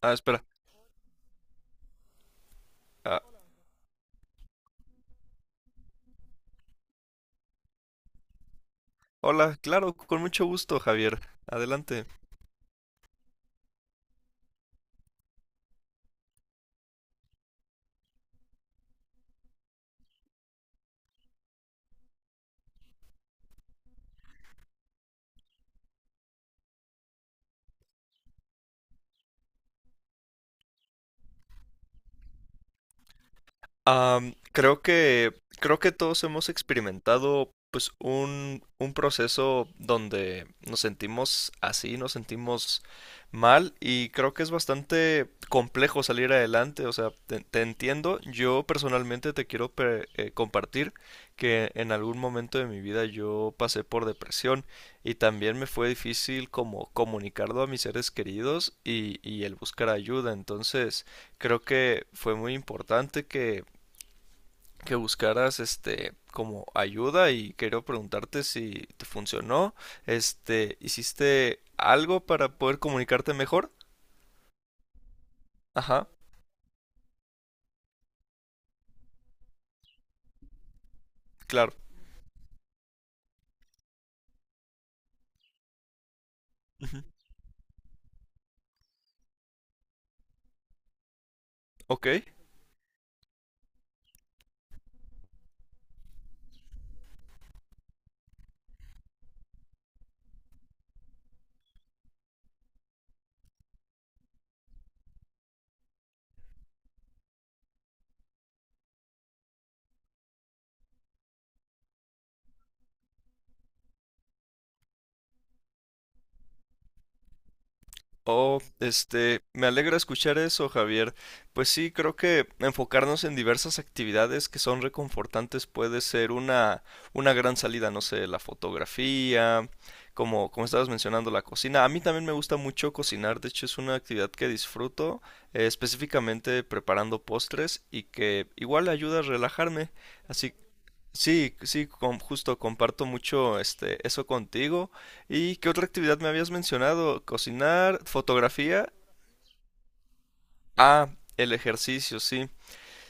Ah, espera. Ah, hola, claro, con mucho gusto, Javier. Adelante. Am, creo que creo que todos hemos experimentado pues un proceso donde nos sentimos así, nos sentimos mal, y creo que es bastante complejo salir adelante. O sea, te entiendo. Yo personalmente te quiero compartir que en algún momento de mi vida yo pasé por depresión, y también me fue difícil como comunicarlo a mis seres queridos y el buscar ayuda. Entonces creo que fue muy importante que buscaras este como ayuda, y quiero preguntarte si te funcionó. Este, ¿hiciste algo para poder comunicarte mejor? Ajá, claro. Ujú. Ok. Oh, este, me alegra escuchar eso, Javier. Pues sí, creo que enfocarnos en diversas actividades que son reconfortantes puede ser una gran salida. No sé, la fotografía, como estabas mencionando, la cocina. A mí también me gusta mucho cocinar; de hecho, es una actividad que disfruto, específicamente preparando postres, y que igual ayuda a relajarme. Así. Sí, sí, justo comparto mucho este eso contigo. ¿Y qué otra actividad me habías mencionado? Cocinar, fotografía. Ah, el ejercicio, sí.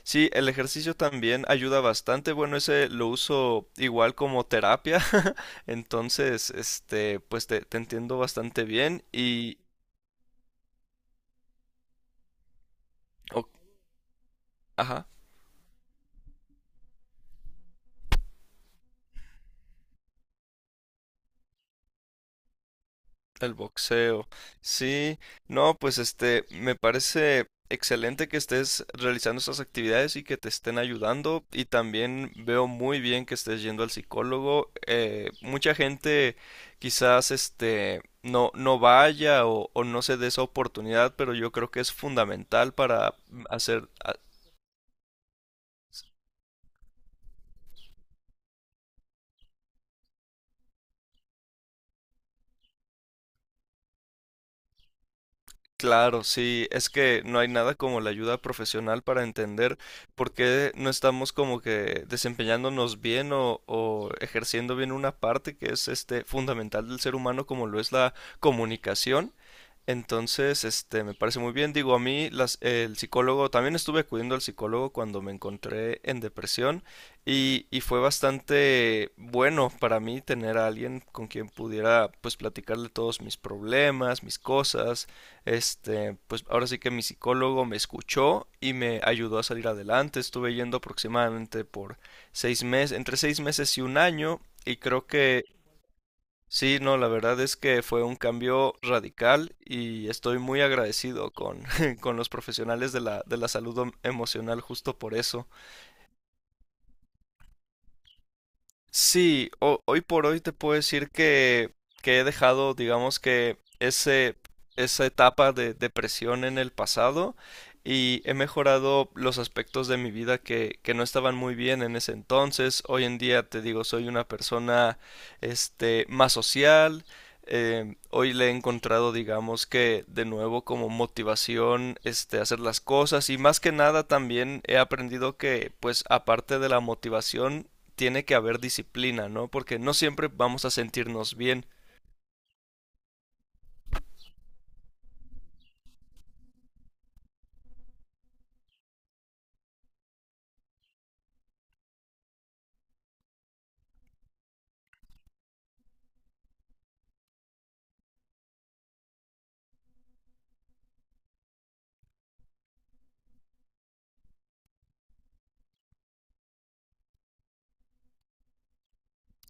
Sí, el ejercicio también ayuda bastante. Bueno, ese lo uso igual como terapia. Entonces, este, pues te entiendo bastante bien. Y o- ajá. El boxeo. Sí, no, pues este, me parece excelente que estés realizando estas actividades y que te estén ayudando. Y también veo muy bien que estés yendo al psicólogo. Mucha gente quizás este no, no vaya o no se dé esa oportunidad, pero yo creo que es fundamental para hacer. Claro, sí, es que no hay nada como la ayuda profesional para entender por qué no estamos como que desempeñándonos bien o ejerciendo bien una parte que es este fundamental del ser humano, como lo es la comunicación. Entonces, este, me parece muy bien. Digo, a mí el psicólogo, también estuve acudiendo al psicólogo cuando me encontré en depresión, y fue bastante bueno para mí tener a alguien con quien pudiera pues platicarle todos mis problemas, mis cosas. Este, pues ahora sí que mi psicólogo me escuchó y me ayudó a salir adelante. Estuve yendo aproximadamente por 6 meses, entre 6 meses y un año, y creo que sí. No, la verdad es que fue un cambio radical, y estoy muy agradecido con, con los profesionales de la salud emocional justo por eso. Sí, hoy por hoy te puedo decir que he dejado, digamos, que ese, esa etapa de depresión en el pasado, y he mejorado los aspectos de mi vida que no estaban muy bien en ese entonces. Hoy en día te digo, soy una persona, este, más social. Hoy le he encontrado, digamos, que de nuevo como motivación, este, hacer las cosas; y más que nada también he aprendido que pues aparte de la motivación tiene que haber disciplina, ¿no? Porque no siempre vamos a sentirnos bien.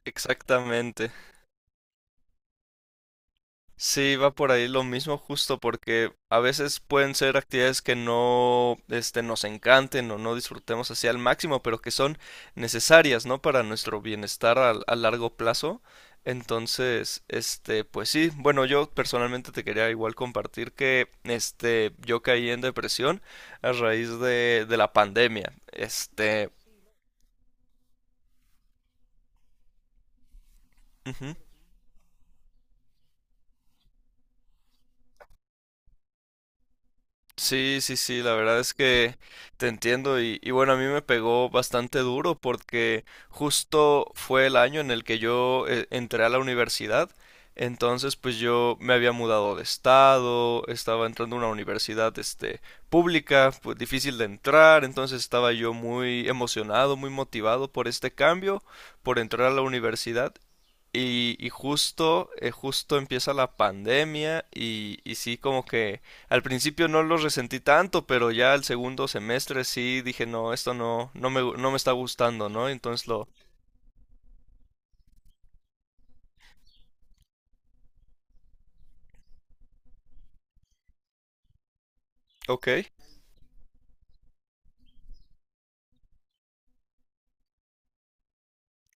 Exactamente. Sí, va por ahí lo mismo justo porque a veces pueden ser actividades que no este nos encanten o no disfrutemos así al máximo, pero que son necesarias, ¿no? Para nuestro bienestar a, largo plazo. Entonces, este, pues sí, bueno, yo personalmente te quería igual compartir que este yo caí en depresión a raíz de la pandemia. Este, ujú. Sí, sí, sí, la verdad es que te entiendo, y bueno, a mí me pegó bastante duro porque justo fue el año en el que yo entré a la universidad. Entonces pues yo me había mudado de estado, estaba entrando a una universidad este pública, pues difícil de entrar; entonces estaba yo muy emocionado, muy motivado por este cambio, por entrar a la universidad, y justo, justo empieza la pandemia, y sí, como que al principio no lo resentí tanto, pero ya al segundo semestre sí dije, no, esto no, no me, no me está gustando, ¿no? Entonces lo. Ok.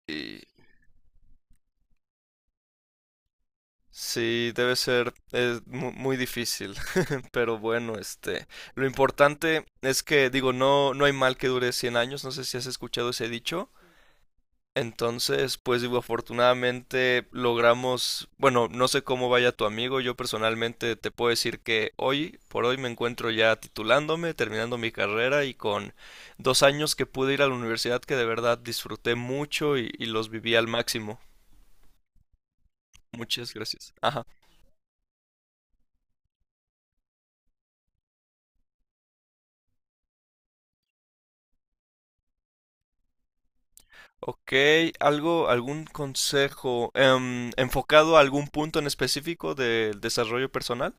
Y sí, debe ser muy difícil. Pero bueno, este, lo importante es que, digo, no, no hay mal que dure 100 años. No sé si has escuchado ese dicho. Entonces, pues digo, afortunadamente logramos, bueno, no sé cómo vaya tu amigo. Yo personalmente te puedo decir que hoy, por hoy me encuentro ya titulándome, terminando mi carrera, y con 2 años que pude ir a la universidad que de verdad disfruté mucho, y los viví al máximo. Muchas gracias. Ajá. Ok, ¿algún consejo, enfocado a algún punto en específico del desarrollo personal?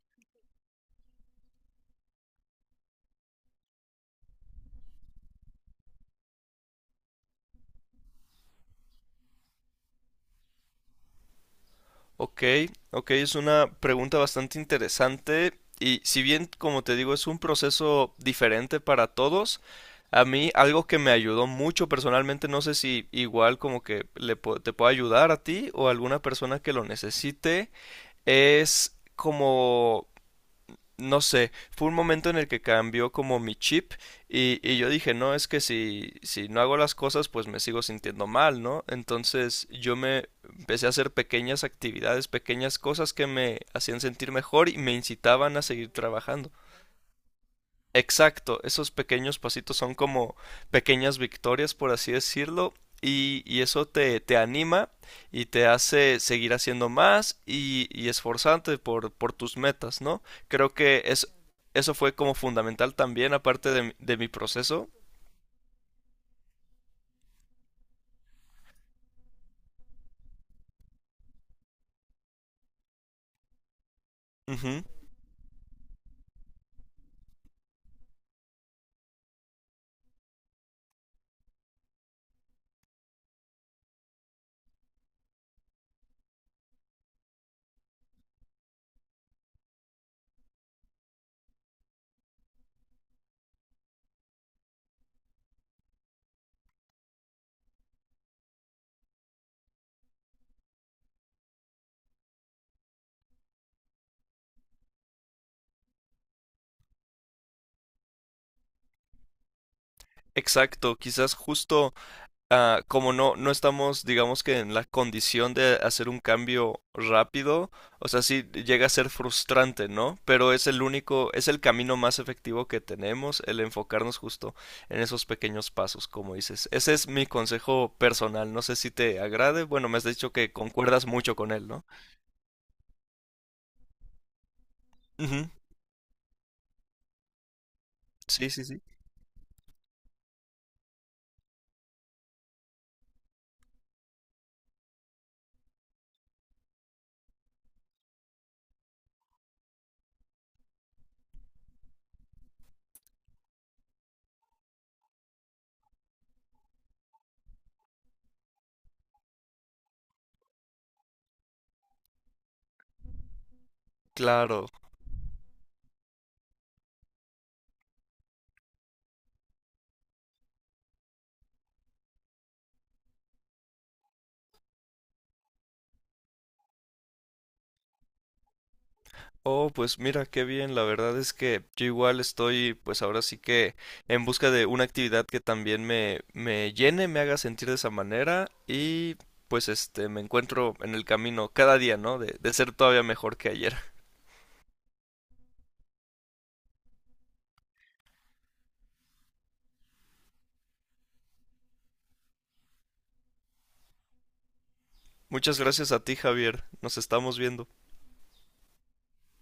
Ok, ok, es una pregunta bastante interesante, y si bien, como te digo, es un proceso diferente para todos. A mí algo que me ayudó mucho personalmente, no sé si igual como que te puedo ayudar a ti o a alguna persona que lo necesite, es como, no sé, fue un momento en el que cambió como mi chip, y yo dije, no, es que si no hago las cosas, pues me sigo sintiendo mal, ¿no? Entonces yo me empecé a hacer pequeñas actividades, pequeñas cosas que me hacían sentir mejor y me incitaban a seguir trabajando. Exacto, esos pequeños pasitos son como pequeñas victorias, por así decirlo, y eso te anima y te hace seguir haciendo más, y esforzarte por tus metas, ¿no? Creo que es, eso fue como fundamental también, aparte de mi proceso. Ujú. Exacto, quizás justo como no, no estamos, digamos, que en la condición de hacer un cambio rápido. O sea, sí llega a ser frustrante, ¿no? Pero es el único, es el camino más efectivo que tenemos, el enfocarnos justo en esos pequeños pasos, como dices. Ese es mi consejo personal, no sé si te agrade. Bueno, me has dicho que concuerdas mucho con él, ¿no? Ujú. Sí, sí, sí. Claro. Oh, pues mira, qué bien. La verdad es que yo igual estoy, pues ahora sí que, en busca de una actividad que también me llene, me haga sentir de esa manera, y pues este, me encuentro en el camino cada día, ¿no? De ser todavía mejor que ayer. Muchas gracias a ti, Javier. Nos estamos viendo.